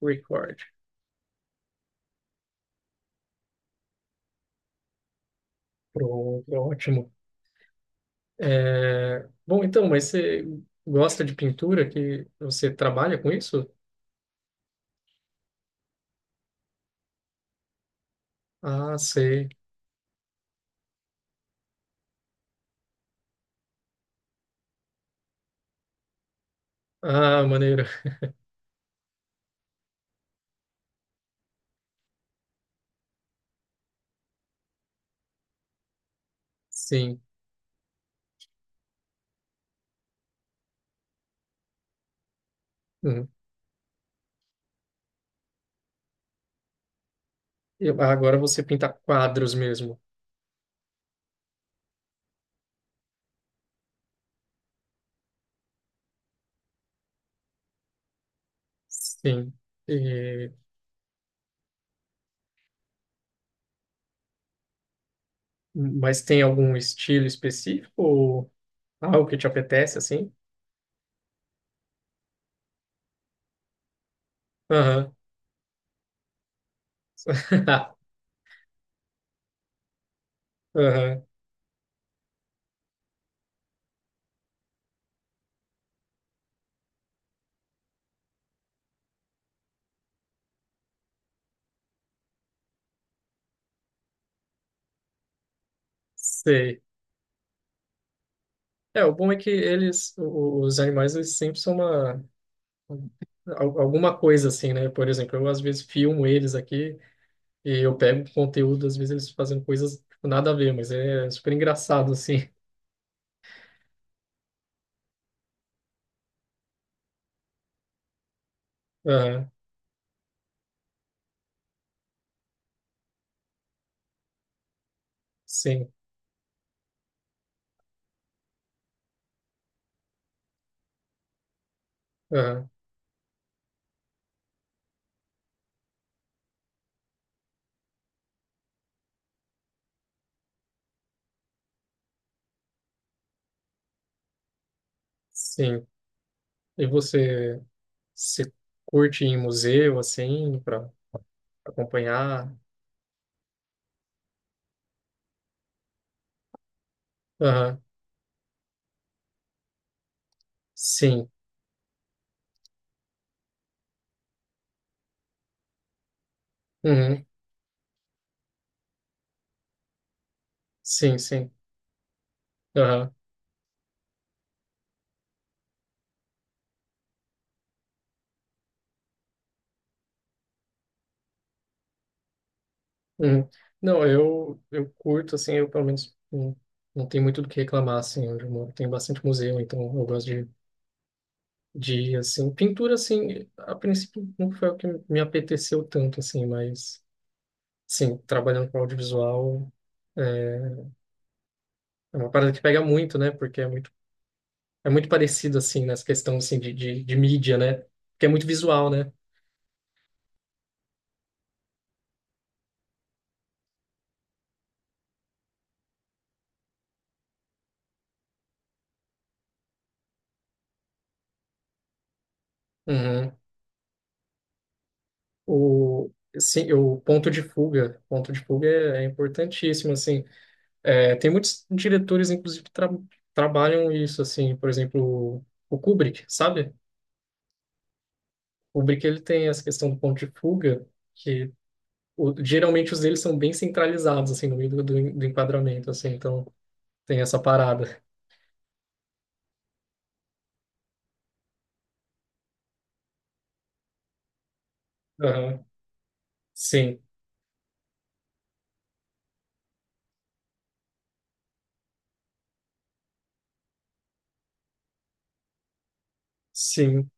Record. Pronto, ótimo. Bom, então, mas você gosta de pintura? Que você trabalha com isso? Ah, sei. Ah, maneiro. Sim. Hum. Agora você pinta quadros mesmo. Sim. E- Mas tem algum estilo específico ou algo que te apetece assim? Aham. Aham. Sei. É, o bom é que eles, os animais, eles sempre são Alguma coisa assim, né? Por exemplo, eu às vezes filmo eles aqui e eu pego conteúdo, às vezes eles fazendo coisas tipo, nada a ver, mas é super engraçado, assim. Aham, sim, aham, sim. E você, se curte ir em museu, assim, para acompanhar? Aham, sim, uhum, sim, sim, aham, uhum. Não, eu curto, assim, eu pelo menos não tenho muito do que reclamar, assim, onde eu moro. Tem bastante museu, então eu gosto de, assim, pintura, assim, a princípio não foi o que me apeteceu tanto, assim, mas, sim, trabalhando com audiovisual é é uma parada que pega muito, né, porque é muito, parecido, assim, nessa questão, assim, de mídia, né, porque é muito visual, né. Uhum. O, sim, o ponto de fuga é importantíssimo, assim, tem muitos diretores, inclusive, que trabalham isso, assim, por exemplo, o Kubrick, sabe? O Kubrick, ele tem essa questão do ponto de fuga, que geralmente os deles são bem centralizados, assim, no meio do enquadramento, assim, então tem essa parada. Aham. Sim, sim,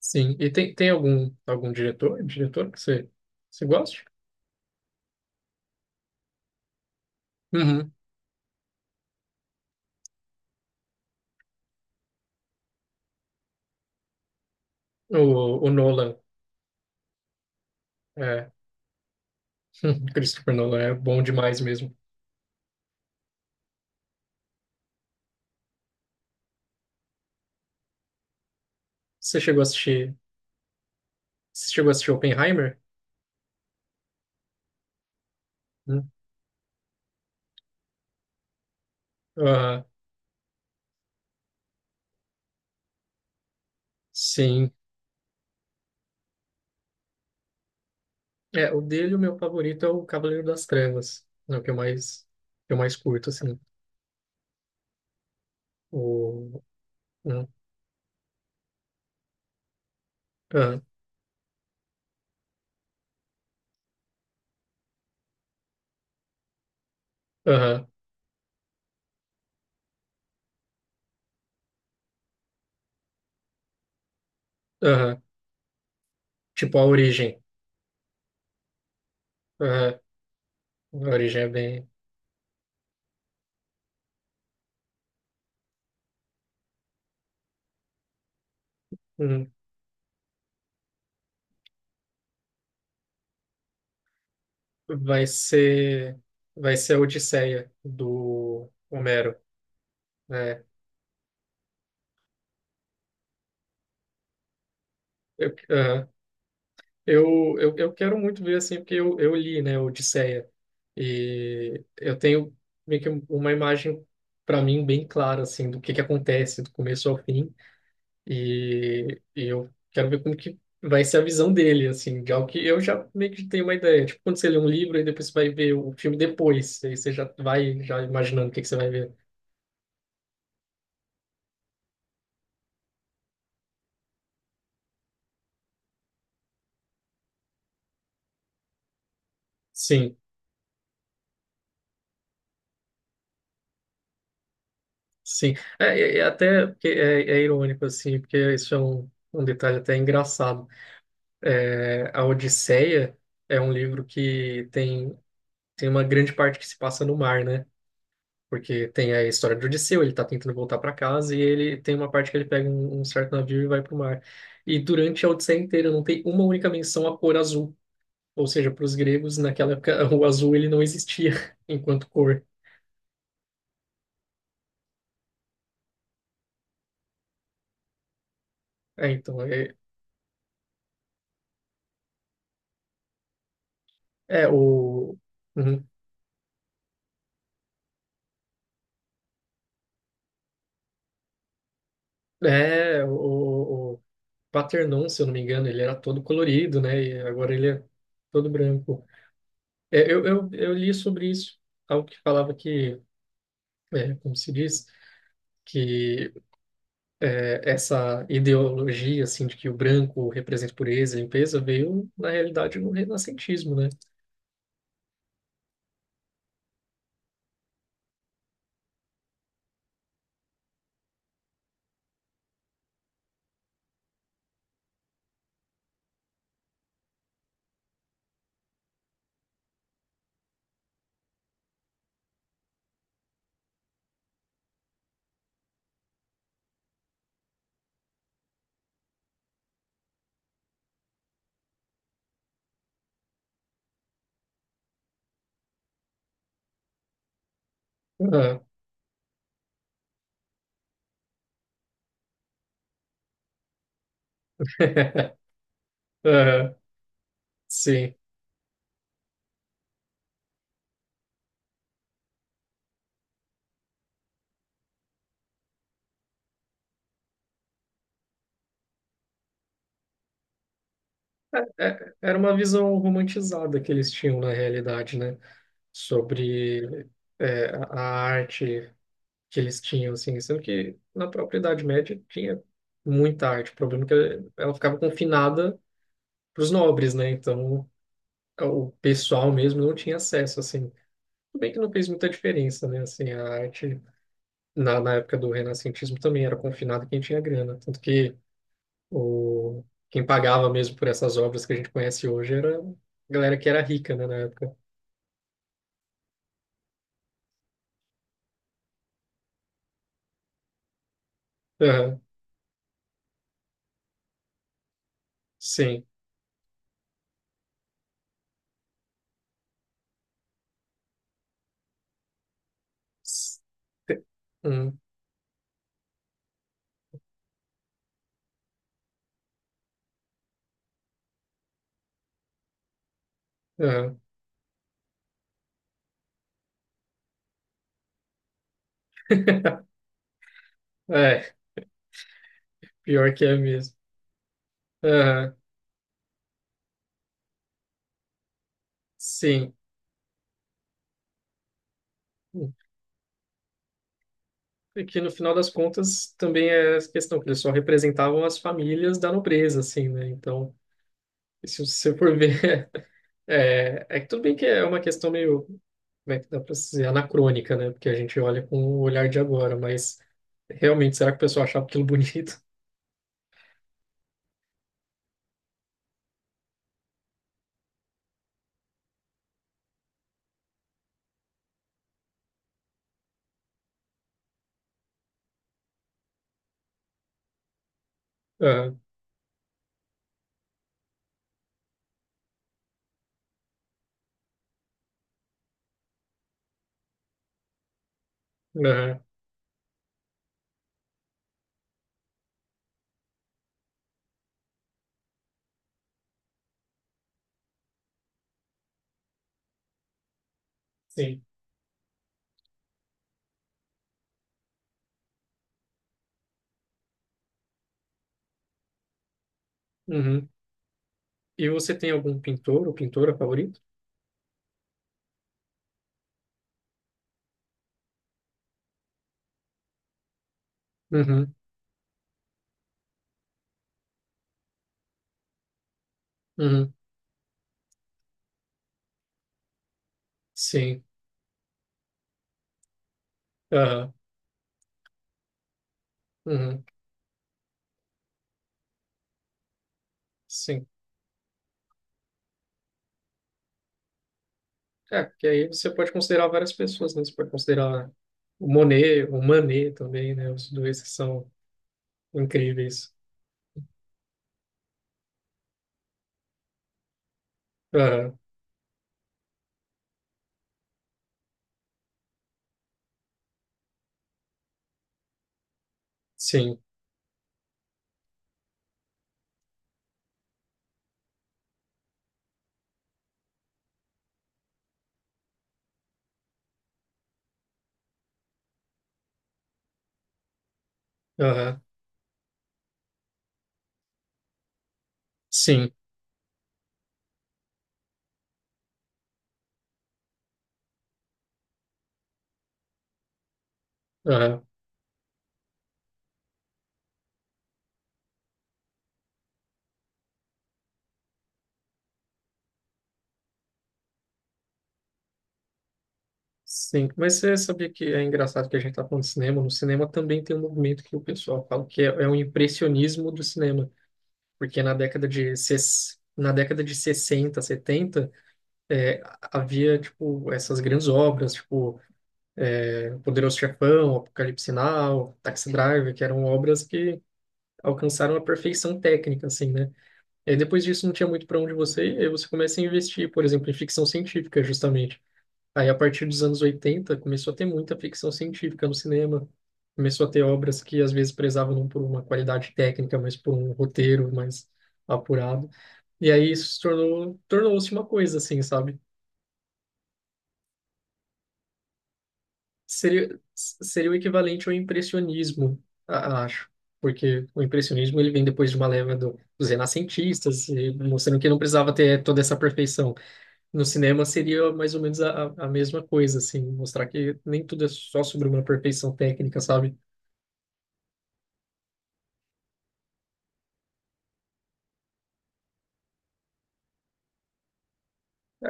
sim. E tem algum diretor que você gosta? Uhum. O Nolan, é, Christopher Nolan é bom demais mesmo. Você chegou a assistir, Você chegou a assistir Oppenheimer? Hum. Ah, sim. É, o meu favorito é o Cavaleiro das Trevas, é o que eu mais curto, assim. O, hum. Ah, Aham. Tipo a origem. Aham. A origem é bem. Hum. Vai ser. Vai ser a Odisseia do Homero, né? Aham. Eu quero muito ver assim, porque eu li, né, Odisseia. E eu tenho meio que uma imagem para mim bem clara assim do que acontece do começo ao fim. E eu quero ver como que vai ser a visão dele, assim, de algo que eu já meio que tenho uma ideia. Tipo, quando você lê um livro e depois você vai ver o filme depois, aí você já vai já imaginando o que que você vai ver. Sim, sim. É até porque é irônico, assim, porque isso é um detalhe até engraçado. É, a Odisseia é um livro que tem uma grande parte que se passa no mar, né? Porque tem a história do Odisseu, ele tá tentando voltar para casa e ele tem uma parte que ele pega um certo navio e vai pro mar. E durante a Odisseia inteira não tem uma única menção à cor azul. Ou seja, para os gregos, naquela época, o azul ele não existia enquanto cor. É, então, é, é o. Uhum. É, o Paternon, se eu não me engano, ele era todo colorido, né? E agora ele é todo branco. É, eu li sobre isso, algo que falava que, como se diz que essa ideologia assim de que o branco representa pureza e limpeza veio na realidade no renascentismo, né? Aham. Aham. Sim. Era uma visão romantizada que eles tinham na realidade, né? Sobre a arte que eles tinham, assim, sendo que na própria Idade Média tinha muita arte. O problema é que ela ficava confinada para os nobres, né? Então o pessoal mesmo não tinha acesso, assim. Tudo bem que não fez muita diferença, né? Assim, a arte na época do renascentismo também era confinado quem tinha grana. Tanto que o, quem pagava mesmo por essas obras que a gente conhece hoje era a galera que era rica, né, na época. Aham, sim. S- te- hum, aham. É, pior que é mesmo. Aham, sim. E que no final das contas também é essa questão, que eles só representavam as famílias da nobreza, assim, né? Então, se você for ver é que tudo bem que é uma questão meio, como é que dá para dizer, anacrônica, né? Porque a gente olha com o olhar de agora, mas realmente, será que o pessoal achava aquilo bonito? Ah, ah, sim. Uhum. E você tem algum pintor ou pintora favorito? Uhum, uhum, sim. Aham, uhum, sim. É, porque aí você pode considerar várias pessoas, né? Você pode considerar o Monet, o Manet também, né? Os dois que são incríveis. Aham, sim. Aham, sim. Aham. Sim, mas você sabia que é engraçado que a gente está falando de cinema? No cinema também tem um movimento que o pessoal fala que é o impressionismo do cinema, porque na década de 60, 70, é, havia, tipo, essas grandes obras, tipo, Poderoso Chefão, Apocalipse Now, Taxi Driver, que eram obras que alcançaram a perfeição técnica, assim, né? E aí, depois disso não tinha muito para onde você ir, aí você começa a investir, por exemplo, em ficção científica, justamente. Aí, a partir dos anos 80 começou a ter muita ficção científica no cinema. Começou a ter obras que às vezes prezavam não por uma qualidade técnica, mas por um roteiro mais apurado. E aí isso se tornou-se uma coisa, assim, sabe? Seria o equivalente ao impressionismo, acho. Porque o impressionismo ele vem depois de uma leva dos renascentistas, e mostrando que não precisava ter toda essa perfeição. No cinema seria mais ou menos a mesma coisa, assim, mostrar que nem tudo é só sobre uma perfeição técnica, sabe?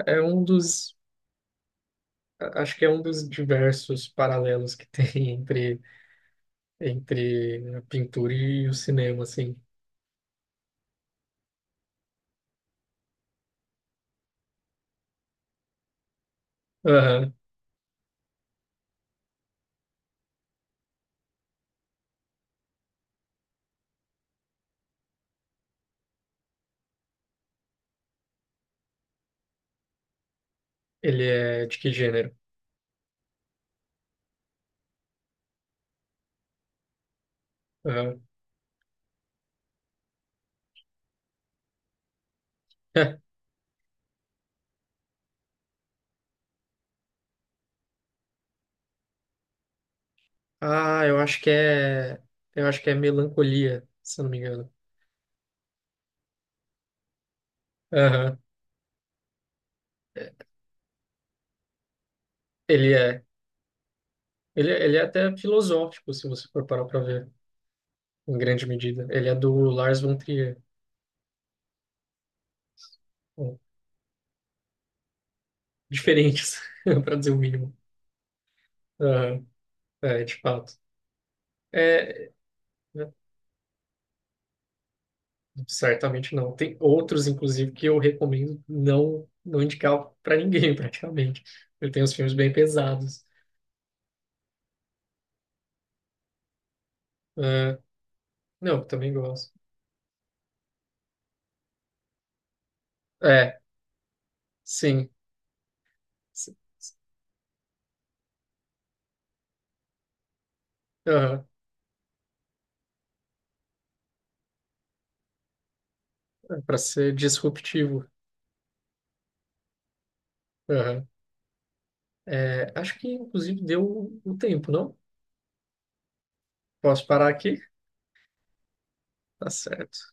É é um dos, Acho que é um dos diversos paralelos que tem entre a pintura e o cinema, assim. Aham. Ele é de que gênero? Aham. Ah, eu acho que é melancolia, se eu não me engano. Aham. Ele é, Ele é até filosófico, se você for parar para ver, em grande medida. Ele é do Lars von Trier. um Diferentes, para dizer o mínimo. Aham, é, de fato. É, né, certamente não. Tem outros, inclusive, que eu recomendo não indicar para ninguém, praticamente. Ele tem uns filmes bem pesados. Ah, não, também gosto. É, sim. S- s- aham, é para ser disruptivo. Aham. É, acho que, inclusive, deu o tempo, não? Posso parar aqui? Tá certo.